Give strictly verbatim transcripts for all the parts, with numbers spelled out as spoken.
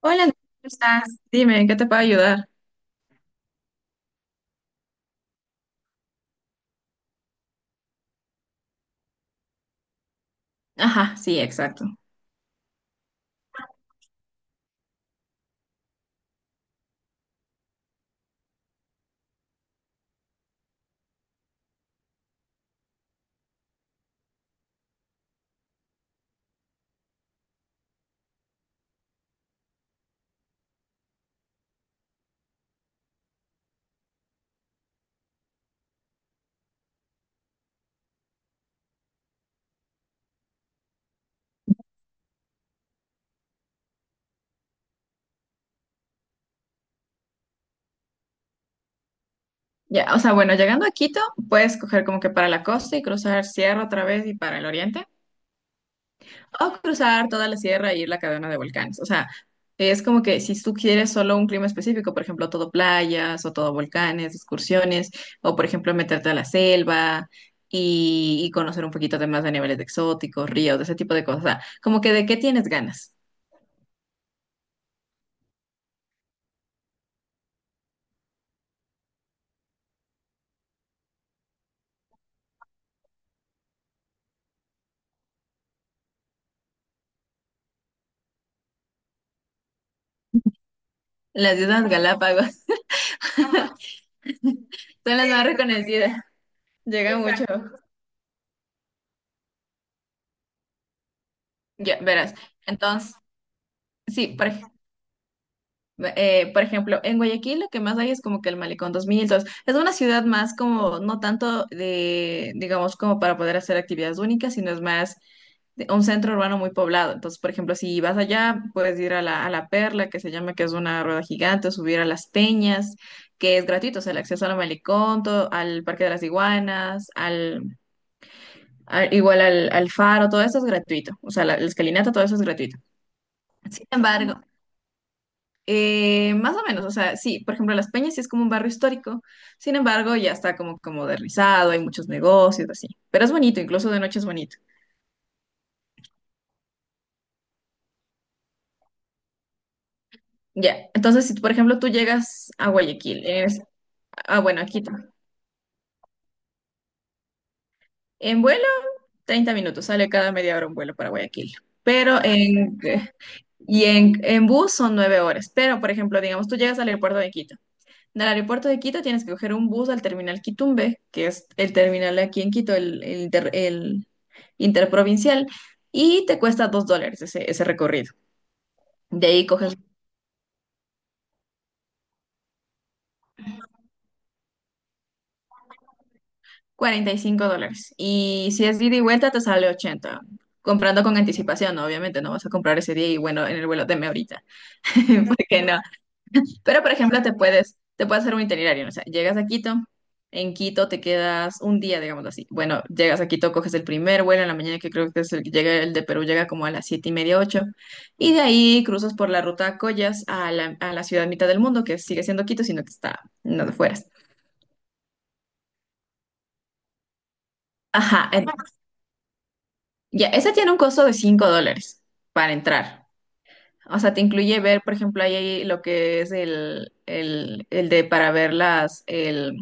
Hola, ¿cómo estás? Dime, ¿en qué te puedo ayudar? Ajá, sí, exacto. Ya, o sea, bueno, llegando a Quito, puedes coger como que para la costa y cruzar sierra otra vez y para el oriente, o cruzar toda la sierra y ir a la cadena de volcanes. O sea, es como que si tú quieres solo un clima específico, por ejemplo, todo playas o todo volcanes, excursiones, o por ejemplo, meterte a la selva y, y conocer un poquito de más de niveles de exóticos, ríos, de ese tipo de cosas. O sea, como que de qué tienes ganas. Las Islas Galápagos son las más reconocidas. Llega mucho. Exacto. Ya, verás. Entonces, sí, por, ej- eh, por ejemplo, en Guayaquil lo que más hay es como que el Malecón dos mil dos. Es una ciudad más como, no tanto de, digamos, como para poder hacer actividades únicas, sino es más de- un centro urbano muy poblado. Entonces, por ejemplo, si vas allá, puedes ir a la, a la Perla, que se llama, que es una rueda gigante, subir a Las Peñas, que es gratuito, o sea, el acceso al Malecón, to- al Parque de las Iguanas, al, al- igual al, al Faro, todo eso es gratuito. O sea, la, la escalinata, todo eso es gratuito. Sin embargo, eh, más o menos, o sea, sí, por ejemplo, Las Peñas sí es como un barrio histórico, sin embargo, ya está como, como modernizado, hay muchos negocios, así, pero es bonito, incluso de noche es bonito. Ya, entonces, si por ejemplo tú llegas a Guayaquil, es, ah, bueno, a Quito, en vuelo, treinta minutos, sale cada media hora un vuelo para Guayaquil, pero en, y en, en bus son nueve horas, pero por ejemplo, digamos, tú llegas al aeropuerto de Quito. Del aeropuerto de Quito tienes que coger un bus al terminal Quitumbe, que es el terminal aquí en Quito, el, el inter- el interprovincial, y te cuesta dos dólares ese, ese recorrido. De ahí coges cuarenta y cinco dólares. Y si es de ida y vuelta, te sale ochenta. Comprando con anticipación, ¿no? Obviamente no vas a comprar ese día y bueno, en el vuelo deme ahorita, porque no. Pero, por ejemplo, te puedes, te puedes hacer un itinerario, ¿no? O sea, llegas a Quito, en Quito te quedas un día, digamos así. Bueno, llegas a Quito, coges el primer vuelo en la mañana, que creo que es el que llega, el de Perú llega como a las siete y media, ocho, y de ahí cruzas por la ruta Collas a la, a la, ciudad mitad del mundo, que sigue siendo Quito, sino que está en las afueras. Ajá, en- ya, esa tiene un costo de cinco dólares para entrar. O sea, te incluye ver, por ejemplo, ahí hay lo que es el, el, el de para ver las, el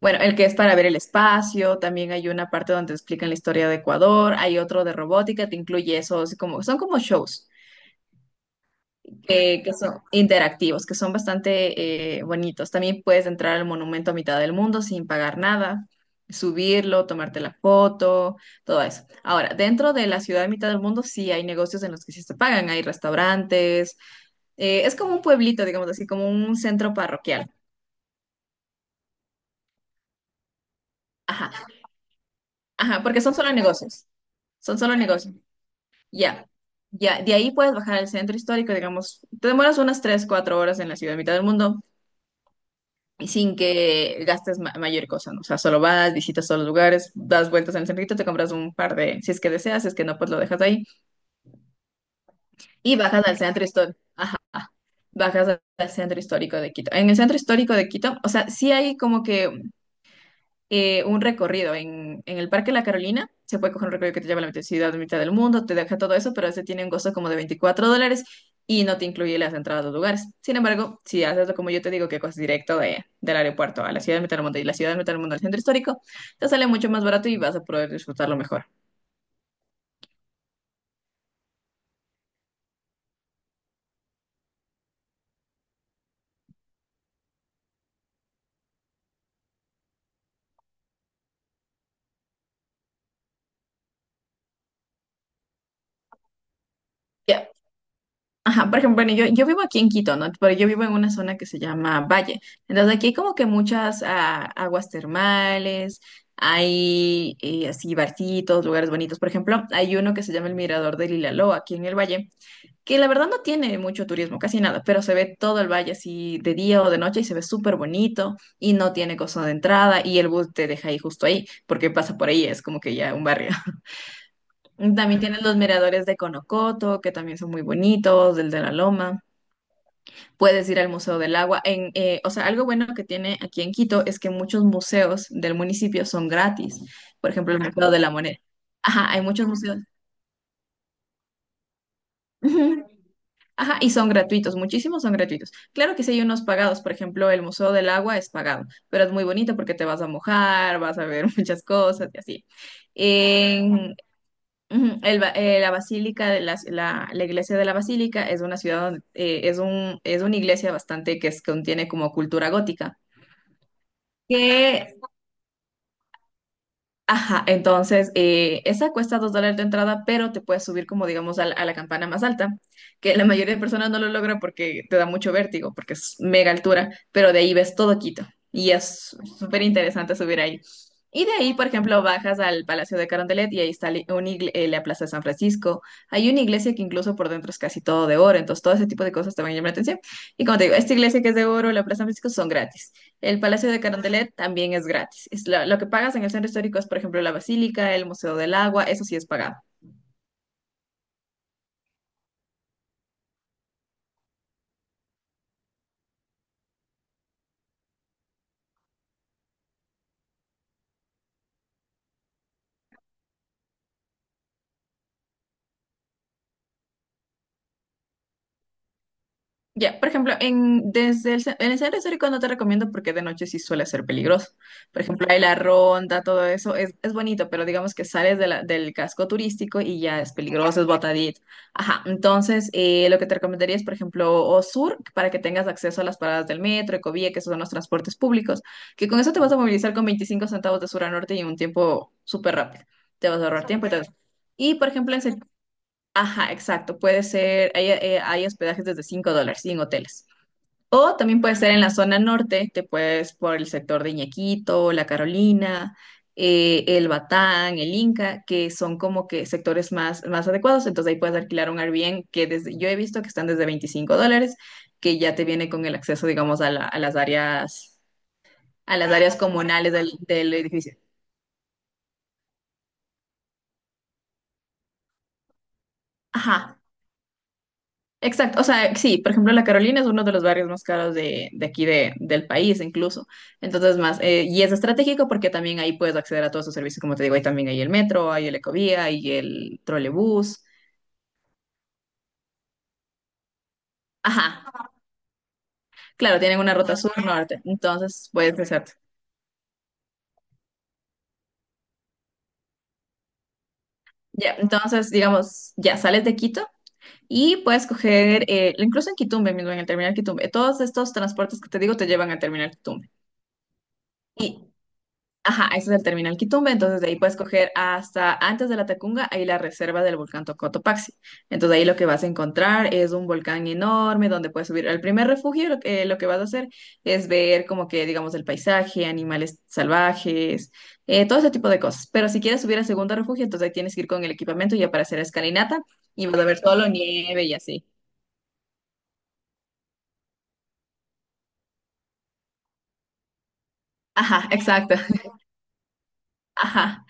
Bueno, el que es para ver el espacio, también hay una parte donde te explican la historia de Ecuador, hay otro de robótica, te incluye esos, como, son como shows que, que son interactivos, que son bastante eh, bonitos. También puedes entrar al monumento a mitad del mundo sin pagar nada, subirlo, tomarte la foto, todo eso. Ahora, dentro de la ciudad de mitad del mundo sí hay negocios en los que sí se pagan, hay restaurantes, eh, es como un pueblito, digamos así, como un centro parroquial. Ajá, ajá, porque son solo negocios. Son solo negocios. Ya, ya, de ahí puedes bajar al centro histórico, digamos, te demoras unas tres cuatro horas en la ciudad, mitad del mundo, y sin que gastes ma- mayor cosa, ¿no? O sea, solo vas, visitas todos los lugares, das vueltas en el centrito, te compras un par de, si es que deseas, si es que no, pues lo dejas ahí, y bajas al centro histórico, ajá, bajas al al centro histórico de Quito. En el centro histórico de Quito, o sea, sí hay como que eh, un recorrido en, en el Parque La Carolina. Se puede coger un recorrido que te lleva a la mitad- ciudad, mitad del mundo, te deja todo eso, pero ese tiene un costo como de veinticuatro dólares y no te incluye las entradas a los lugares. Sin embargo, si haces lo como yo te digo, que coges directo de, del aeropuerto a la ciudad de mitad del mundo y la ciudad de mitad del mundo al centro histórico, te sale mucho más barato y vas a poder disfrutarlo mejor. Ajá, por ejemplo, bueno, yo, yo vivo aquí en Quito, ¿no? Pero yo vivo en una zona que se llama Valle. Entonces aquí hay como que muchas ah, aguas termales, hay eh, así barcitos, lugares bonitos. Por ejemplo, hay uno que se llama el Mirador del Ilaló, aquí en el Valle, que la verdad no tiene mucho turismo, casi nada, pero se ve todo el valle así de día o de noche y se ve súper bonito y no tiene costo de entrada y el bus te deja ahí justo ahí, porque pasa por ahí, es como que ya un barrio. También tienen los miradores de Conocoto, que también son muy bonitos, el de la Loma puedes ir al Museo del Agua. En, eh, o sea, algo bueno que tiene aquí en Quito es que muchos museos del municipio son gratis. Por ejemplo, el Museo de la Moneda. Ajá, hay muchos museos. Ujú. Ajá, y son gratuitos, muchísimos son gratuitos. Claro que sí hay unos pagados, por ejemplo, el Museo del Agua es pagado, pero es muy bonito porque te vas a mojar, vas a ver muchas cosas y así. En, ujú, el ba- eh, la Basílica de las- la, la iglesia de la Basílica es una ciudad, donde, eh, es un, es una iglesia bastante que es- contiene como cultura gótica. Que, ajá, entonces, eh, esa cuesta dos dólares de entrada, pero te puedes subir como, digamos, a, la a la campana más alta, que la mayoría de personas no lo logra porque te da mucho vértigo, porque es mega altura, pero de ahí ves todo Quito y es súper interesante subir ahí. Y de ahí, por ejemplo, bajas al Palacio de Carondelet y ahí está li- un igle- eh, la Plaza de San Francisco. Hay una iglesia que incluso por dentro es casi todo de oro, entonces todo ese tipo de cosas te van a llamar la atención. Y como te digo, esta iglesia que es de oro, la Plaza de San Francisco son gratis. El Palacio de Carondelet también es gratis. Es la- lo que pagas en el centro histórico es, por ejemplo, la Basílica, el Museo del Agua, eso sí es pagado. Ya, por ejemplo, en, desde el, ce- en el centro histórico no te recomiendo porque de noche sí suele ser peligroso. Por ejemplo, hay la ronda, todo eso es, es, bonito, pero digamos que sales de la- del casco turístico y ya es peligroso, es botadito. Ajá, entonces eh, lo que te recomendaría es, por ejemplo, o sur, para que tengas acceso a las paradas del metro, Ecovía, que esos son los transportes públicos, que con eso te vas a movilizar con veinticinco centavos de sur a norte y en un tiempo súper rápido. Te vas a ahorrar tiempo y todo eso. Y, por ejemplo, en, ce- Ajá, exacto. Puede ser, hay, eh, hay hospedajes desde cinco dólares en hoteles. O también puede ser en la zona norte, te puedes por el sector de Iñaquito, La Carolina, eh, el Batán, el Inca, que son como que sectores más, más adecuados. Entonces ahí puedes alquilar un Airbnb que desde, yo he visto que están desde veinticinco dólares, que ya te viene con el acceso, digamos, a, la- a las áreas, a las áreas comunales del, del edificio. Ajá, Exacto, o sea, sí, por ejemplo, la Carolina es uno de los barrios más caros de, de aquí de, del país incluso. Entonces, más, eh, y es estratégico porque también ahí puedes acceder a todos esos servicios, como te digo, ahí también hay el metro, hay el Ecovía, hay el trolebús. Ajá, claro, tienen una ruta sur-norte, entonces puedes hacerte. Ya, entonces, digamos, ya sales de Quito y puedes coger, eh, incluso en Quitumbe mismo, en el terminal Quitumbe, todos estos transportes que te digo te llevan al terminal Quitumbe. Ajá, ese es el terminal Quitumbe, entonces de ahí puedes coger hasta antes de la Tacunga, ahí la reserva del volcán Tocotopaxi. Entonces ahí lo que vas a encontrar es un volcán enorme donde puedes subir. Al primer refugio lo que, lo que vas a hacer es ver como que, digamos, el paisaje, animales salvajes, eh, todo ese tipo de cosas. Pero si quieres subir al segundo refugio, entonces ahí tienes que ir con el equipamiento ya para hacer escalinata y vas a ver solo nieve y así. Ajá, exacto. Ajá.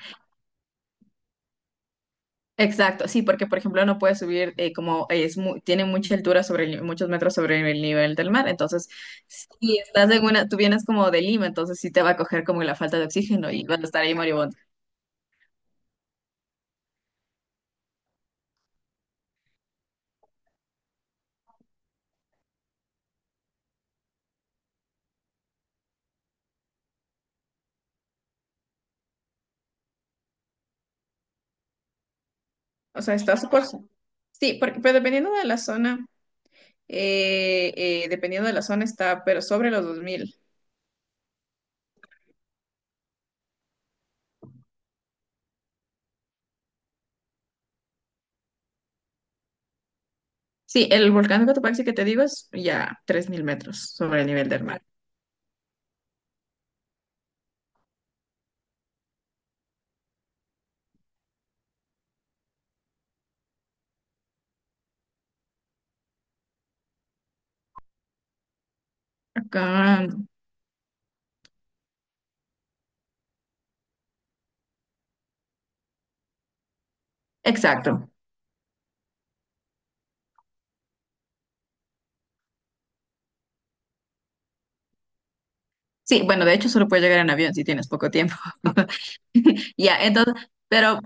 Exacto, sí, porque por ejemplo no puede subir eh, como es mu- tiene mucha altura sobre el, ni- muchos metros sobre el nivel del mar, entonces si estás en una, tú vienes como de Lima, entonces sí te va a coger como la falta de oxígeno y vas a estar ahí moribundo. O sea, está súper, sí, porque, pero dependiendo de la zona, eh, eh, dependiendo de la zona está, pero sobre los dos mil. Sí, el volcán de Cotopaxi que te digo es ya tres mil metros sobre el nivel del mar. Acá, exacto. Sí, bueno, de hecho solo puedes llegar en avión si tienes poco tiempo. Ya, entonces, pero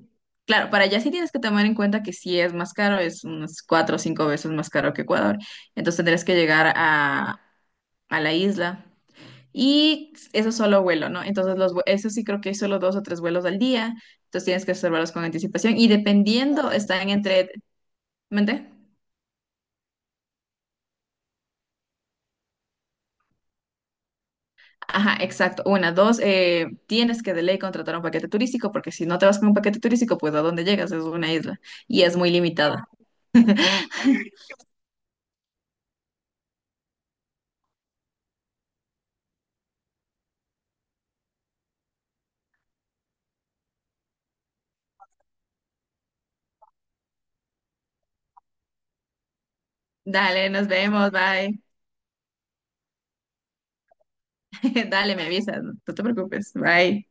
claro, para allá sí tienes que tomar en cuenta que sí es más caro, es unas cuatro o cinco veces más caro que Ecuador. Entonces tendrás que llegar a, a la isla. Y eso es solo vuelo, ¿no? Entonces, los, vue- eso sí creo que hay solo dos o tres vuelos al día. Entonces tienes que reservarlos con anticipación. Y dependiendo, están entre... ¿Mente? Ajá, exacto. Una, dos, eh, tienes que de ley contratar un paquete turístico porque si no te vas con un paquete turístico, pues ¿a dónde llegas? Es una isla y es muy limitada. Dale, nos vemos, bye. Dale, me avisas, no te preocupes, bye.